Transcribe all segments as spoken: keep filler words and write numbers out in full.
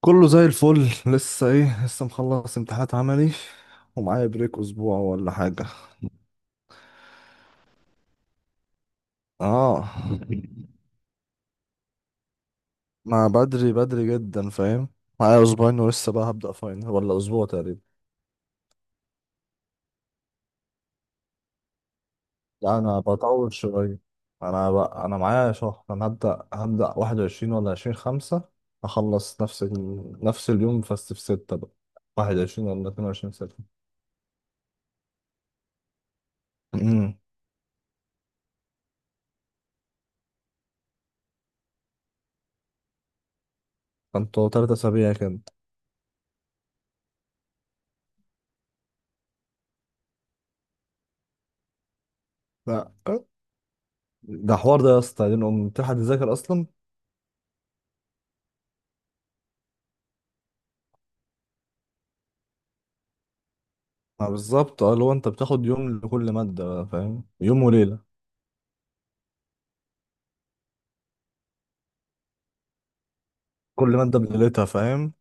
كله زي الفل، لسه ايه لسه مخلص امتحانات عملي، ومعايا بريك اسبوع ولا حاجة. اه. ما بدري، بدري جدا، فاهم؟ معايا اسبوعين، ولسه بقى هبدأ فاينل ولا اسبوع تقريبا. لا، انا بطول شوية. انا بقى، انا معايا شهر. انا هبدأ هبدأ واحد وعشرين ولا عشرين خمسة. اخلص نفس ال... نفس اليوم، بس في ستة بقى. واحد وعشرين ولا اتنين وعشرين ستة. امم. كنتوا تلات أسابيع كده. لا، ده حوار ده يا اسطى، دي نقوم تلحق تذاكر أصلا. ما بالظبط، اه، اللي هو انت بتاخد يوم لكل مادة بقى، فاهم؟ يوم وليلة. كل مادة بليلتها، فاهم؟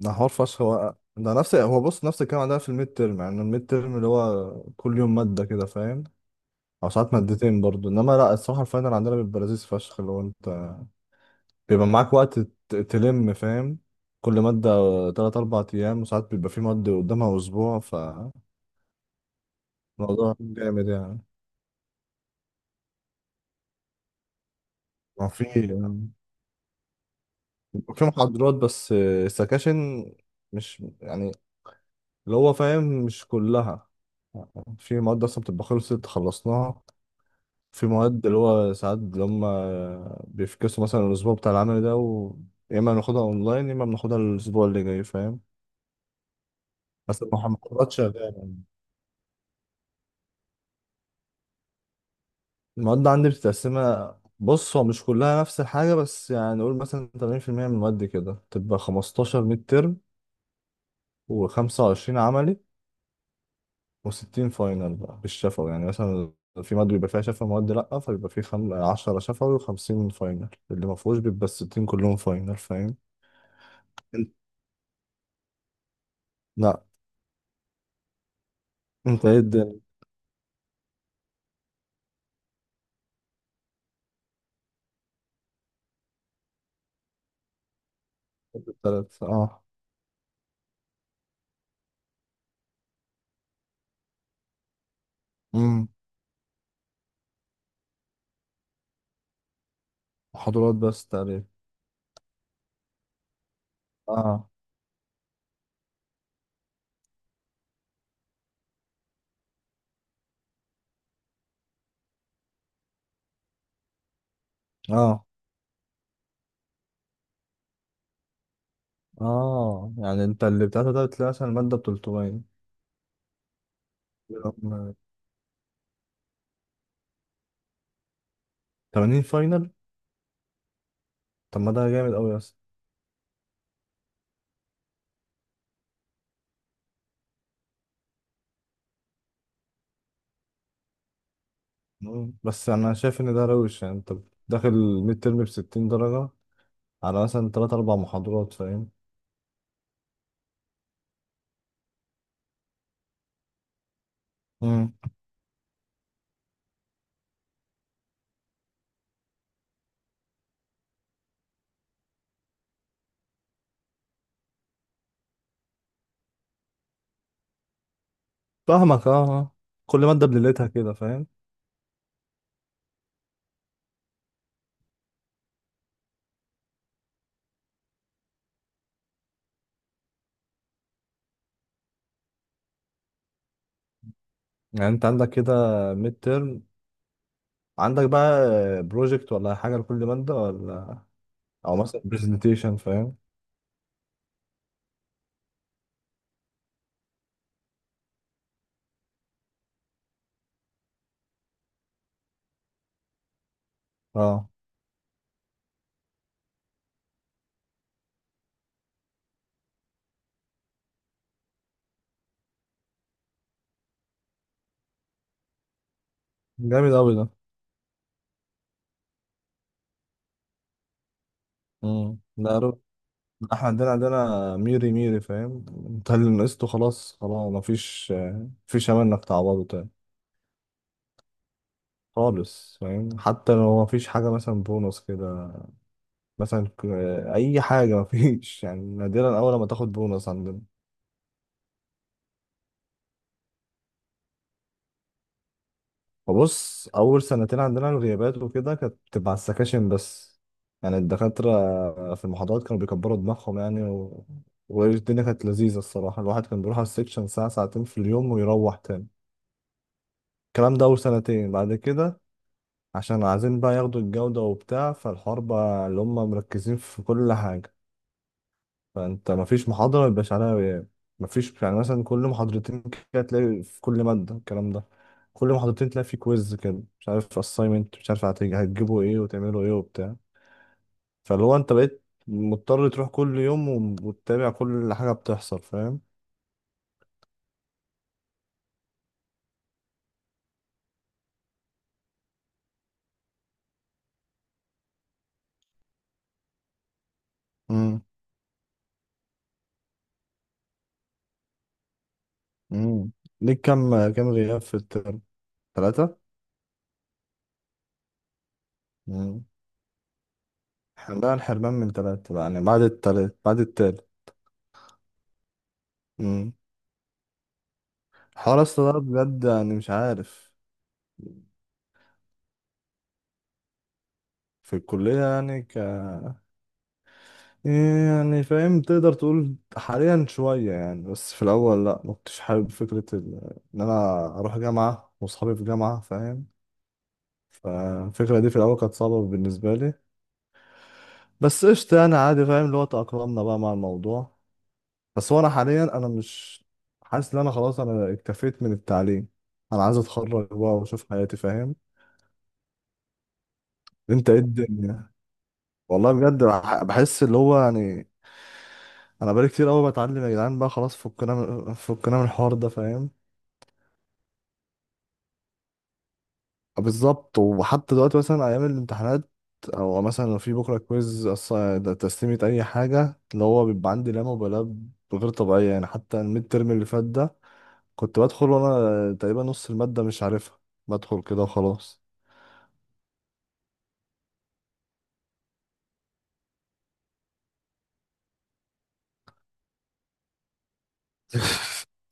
ده حوار فشخ. هو ده نفس هو بص نفس الكلام عندنا في الميد تيرم، يعني الميد تيرم اللي هو كل يوم مادة كده، فاهم؟ أو ساعات مادتين برضو. إنما لأ، الصراحة الفاينل عندنا بيبقى لذيذ فشخ، اللي هو أنت بيبقى معاك وقت ت- تلم، فاهم؟ كل مادة تلات أربع أيام، وساعات بيبقى في مادة قدامها أسبوع، فالموضوع جامد يعني. ما في، في محاضرات بس، السكاشن مش، يعني اللي هو فاهم، مش كلها. في مواد اصلا بتبقى خلصت خلصناها. في مواد اللي هو ساعات اللي هم بيفكسوا مثلا الاسبوع بتاع العمل ده، و... يا اما ناخدها اونلاين يا اما بناخدها الاسبوع اللي جاي، فاهم؟ بس المحاضرات شغاله. المواد عندي بتتقسمها، بص هو مش كلها نفس الحاجه، بس يعني نقول مثلا ثمانين في المية من المواد كده تبقى خمستاشر ميد ترم و25 عملي و60 فاينل بقى بالشفوي، يعني مثلا في مادة بيبقى فيها شفا، مواد لأ، فبيبقى في خم... عشرة شفوي و50 فاينل. اللي ما فيهوش بيبقى الستين كلهم فاينل، فاهم؟ انت لأ. انت ايه الدنيا؟ التلات، اه. امم. محاضرات بس تقريبا. اه. اه. اه يعني، انت اللي بتاعتها ده بتلاقي مثلا المادة ب تلتمية بيبقى تمانين فاينل. طب ما ده جامد قوي اصلا. مم. بس انا شايف ان ده روش، يعني انت داخل الميد ترم ب ستين درجة على مثلا تلاتة أربعة محاضرات، فاهم؟ فاهمك، اه، آه. كل مادة بليلتها كده، فاهم؟ يعني انت عندك كده ميد ترم، عندك بقى بروجكت ولا حاجة لكل مادة، ولا او مثلا برزنتيشن، فاهم؟ اه، جامد اوي ده. امم. لا رو- احنا عندنا عندنا ميري ميري، فاهم؟ انت اللي نقصته، خلاص خلاص، مفيش، مفيش امل انك تعوضه تاني. خالص، فاهم؟ حتى لو مفيش حاجة مثلا بونص كده، مثلا ك- اي حاجة، مفيش يعني. نادرا اول ما تاخد بونص عندنا. وبص، اول سنتين عندنا الغيابات وكده كانت بتبقى على السكاشن بس، يعني الدكاترة في المحاضرات كانوا بيكبروا دماغهم يعني، و... والدنيا كانت لذيذة الصراحة. الواحد كان بيروح على السكشن ساعة ساعتين في اليوم ويروح تاني. الكلام ده أول سنتين. بعد كده، عشان عايزين بقى ياخدوا الجودة وبتاع، فالحوار بقى اللي هم مركزين في كل حاجة، فانت مفيش محاضرة ما يبقاش عليها غياب، مفيش يعني مثلا كل محاضرتين كده تلاقي في كل مادة الكلام ده. كل محاضرتين تلاقي في كويز كده، مش عارف assignment، مش عارف هتج- هتجيبوا ايه وتعملوا ايه وبتاع، فاللي هو انت بقيت مضطر تروح كل يوم، وم- وتتابع كل حاجة بتحصل، فاهم؟ امم. امم. ليك كام كام غياب في الترم؟ ثلاثة. امم. احنا بقى الحرمان من ثلاثة بقى، يعني بعد التالت، بعد التالت. امم. حوار اصلا ده بجد، يعني مش عارف. في الكلية، يعني إيه يعني؟ فاهم، تقدر تقول حاليا شوية يعني، بس في الأول لأ، ما كنتش حابب فكرة ال- إن أنا أروح جامعة وأصحابي في جامعة، فاهم؟ فالفكرة دي في الأول كانت صعبة بالنسبة لي، بس قشطة يعني، عادي، فاهم؟ اللي هو تأقلمنا بقى مع الموضوع. بس هو أنا حاليا أنا مش حاسس إن أنا خلاص، أنا اكتفيت من التعليم. أنا عايز أتخرج بقى وأشوف حياتي، فاهم؟ أنت إيه الدنيا؟ والله بجد، بح- بحس اللي هو يعني أنا بقالي كتير أوي بتعلم يا جدعان، بقى خلاص، فكنا من فكنا من الحوار ده، فاهم؟ بالظبط. وحتى دلوقتي مثلا ايام الامتحانات، او مثلا لو في بكره كويز، أص- ده تسليمه اي حاجه، اللي هو بيبقى عندي لا مبالاه غير طبيعيه، يعني حتى الميد ترم اللي فات ده كنت بدخل وانا تقريبا نص الماده مش عارفها، بدخل كده وخلاص.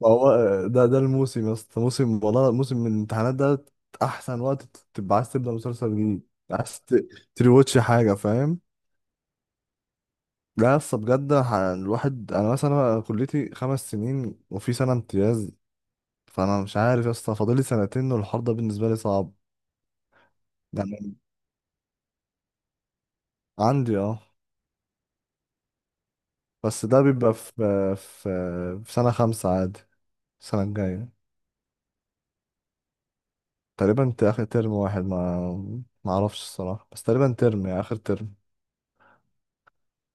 ما هو ده ده الموسم يا اسطى، موسم والله، موسم من الامتحانات ده احسن وقت تبقى عايز تبدا مسلسل جديد، عايز ت- تريواتش حاجه، فاهم؟ لا يا اسطى، بجد ح- الواحد، انا مثلا، أنا كليتي خمس سنين وفي سنه امتياز، فانا مش عارف يا اسطى، فاضلي سنتين، والحوار ده بالنسبه لي صعب يعني. عندي، اه. بس ده بيبقى في، في في سنه خمسة عادي، السنه الجايه. تقريبا انت اخر ترم واحد، ما ما اعرفش الصراحه، بس تقريبا ترم يعني اخر ترم.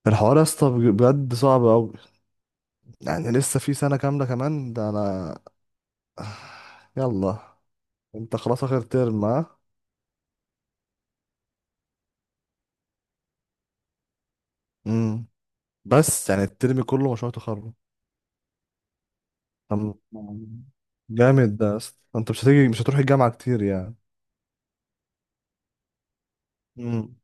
الحوار يا اسطى بجد صعب قوي يعني، لسه في سنه كامله كمان. ده انا. يلا. انت خلاص اخر ترم؟ ها. امم. بس يعني الترم كله مشروع تخرج. طب، جامد ده يا اسطى. انت مش هتيجي مش هتروح الجامعه كتير يعني. مم.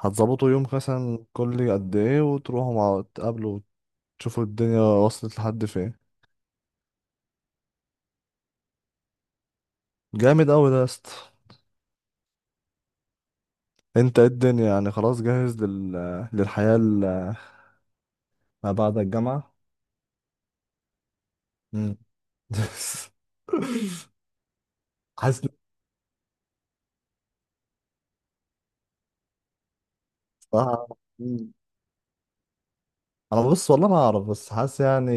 هتظبطوا يوم مثلا كل قد ايه وتروحوا مع تقابلوا وتشوفوا الدنيا وصلت لحد فين. جامد اوي ده يا اسطى. انت ايه الدنيا؟ يعني خلاص جاهز لل... للحياة ال- ما بعد الجامعة. مم. حاسس إن. الصراحة- مم. انا بص، والله ما اعرف، بس حاسس يعني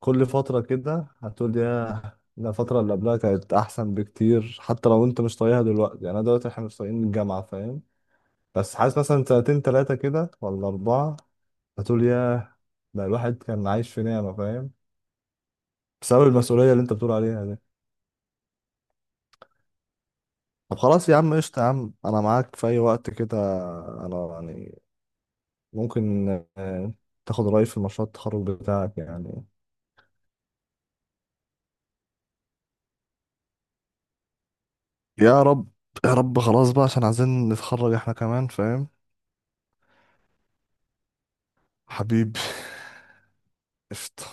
كل فترة كده هتقول، يا لا، الفترة اللي قبلها كانت احسن بكتير. حتى لو انت مش طايقها دلوقتي، يعني انا دلوقتي، احنا مش طايقين الجامعة، فاهم؟ بس حاسس مثلا سنتين تلاتة كده ولا أربعة هتقول ياه، ده الواحد كان عايش في نعمة، فاهم؟ بسبب المسؤولية اللي انت بتقول عليها دي. طب خلاص يا عم، قشطة يا عم، انا معاك في اي وقت كده. انا يعني ممكن، آه، تاخد رأيي في مشروع التخرج بتاعك يعني. يا رب. يا رب. خلاص بقى، عشان عايزين نتخرج احنا كمان، فاهم؟ حبيبي. قشطة.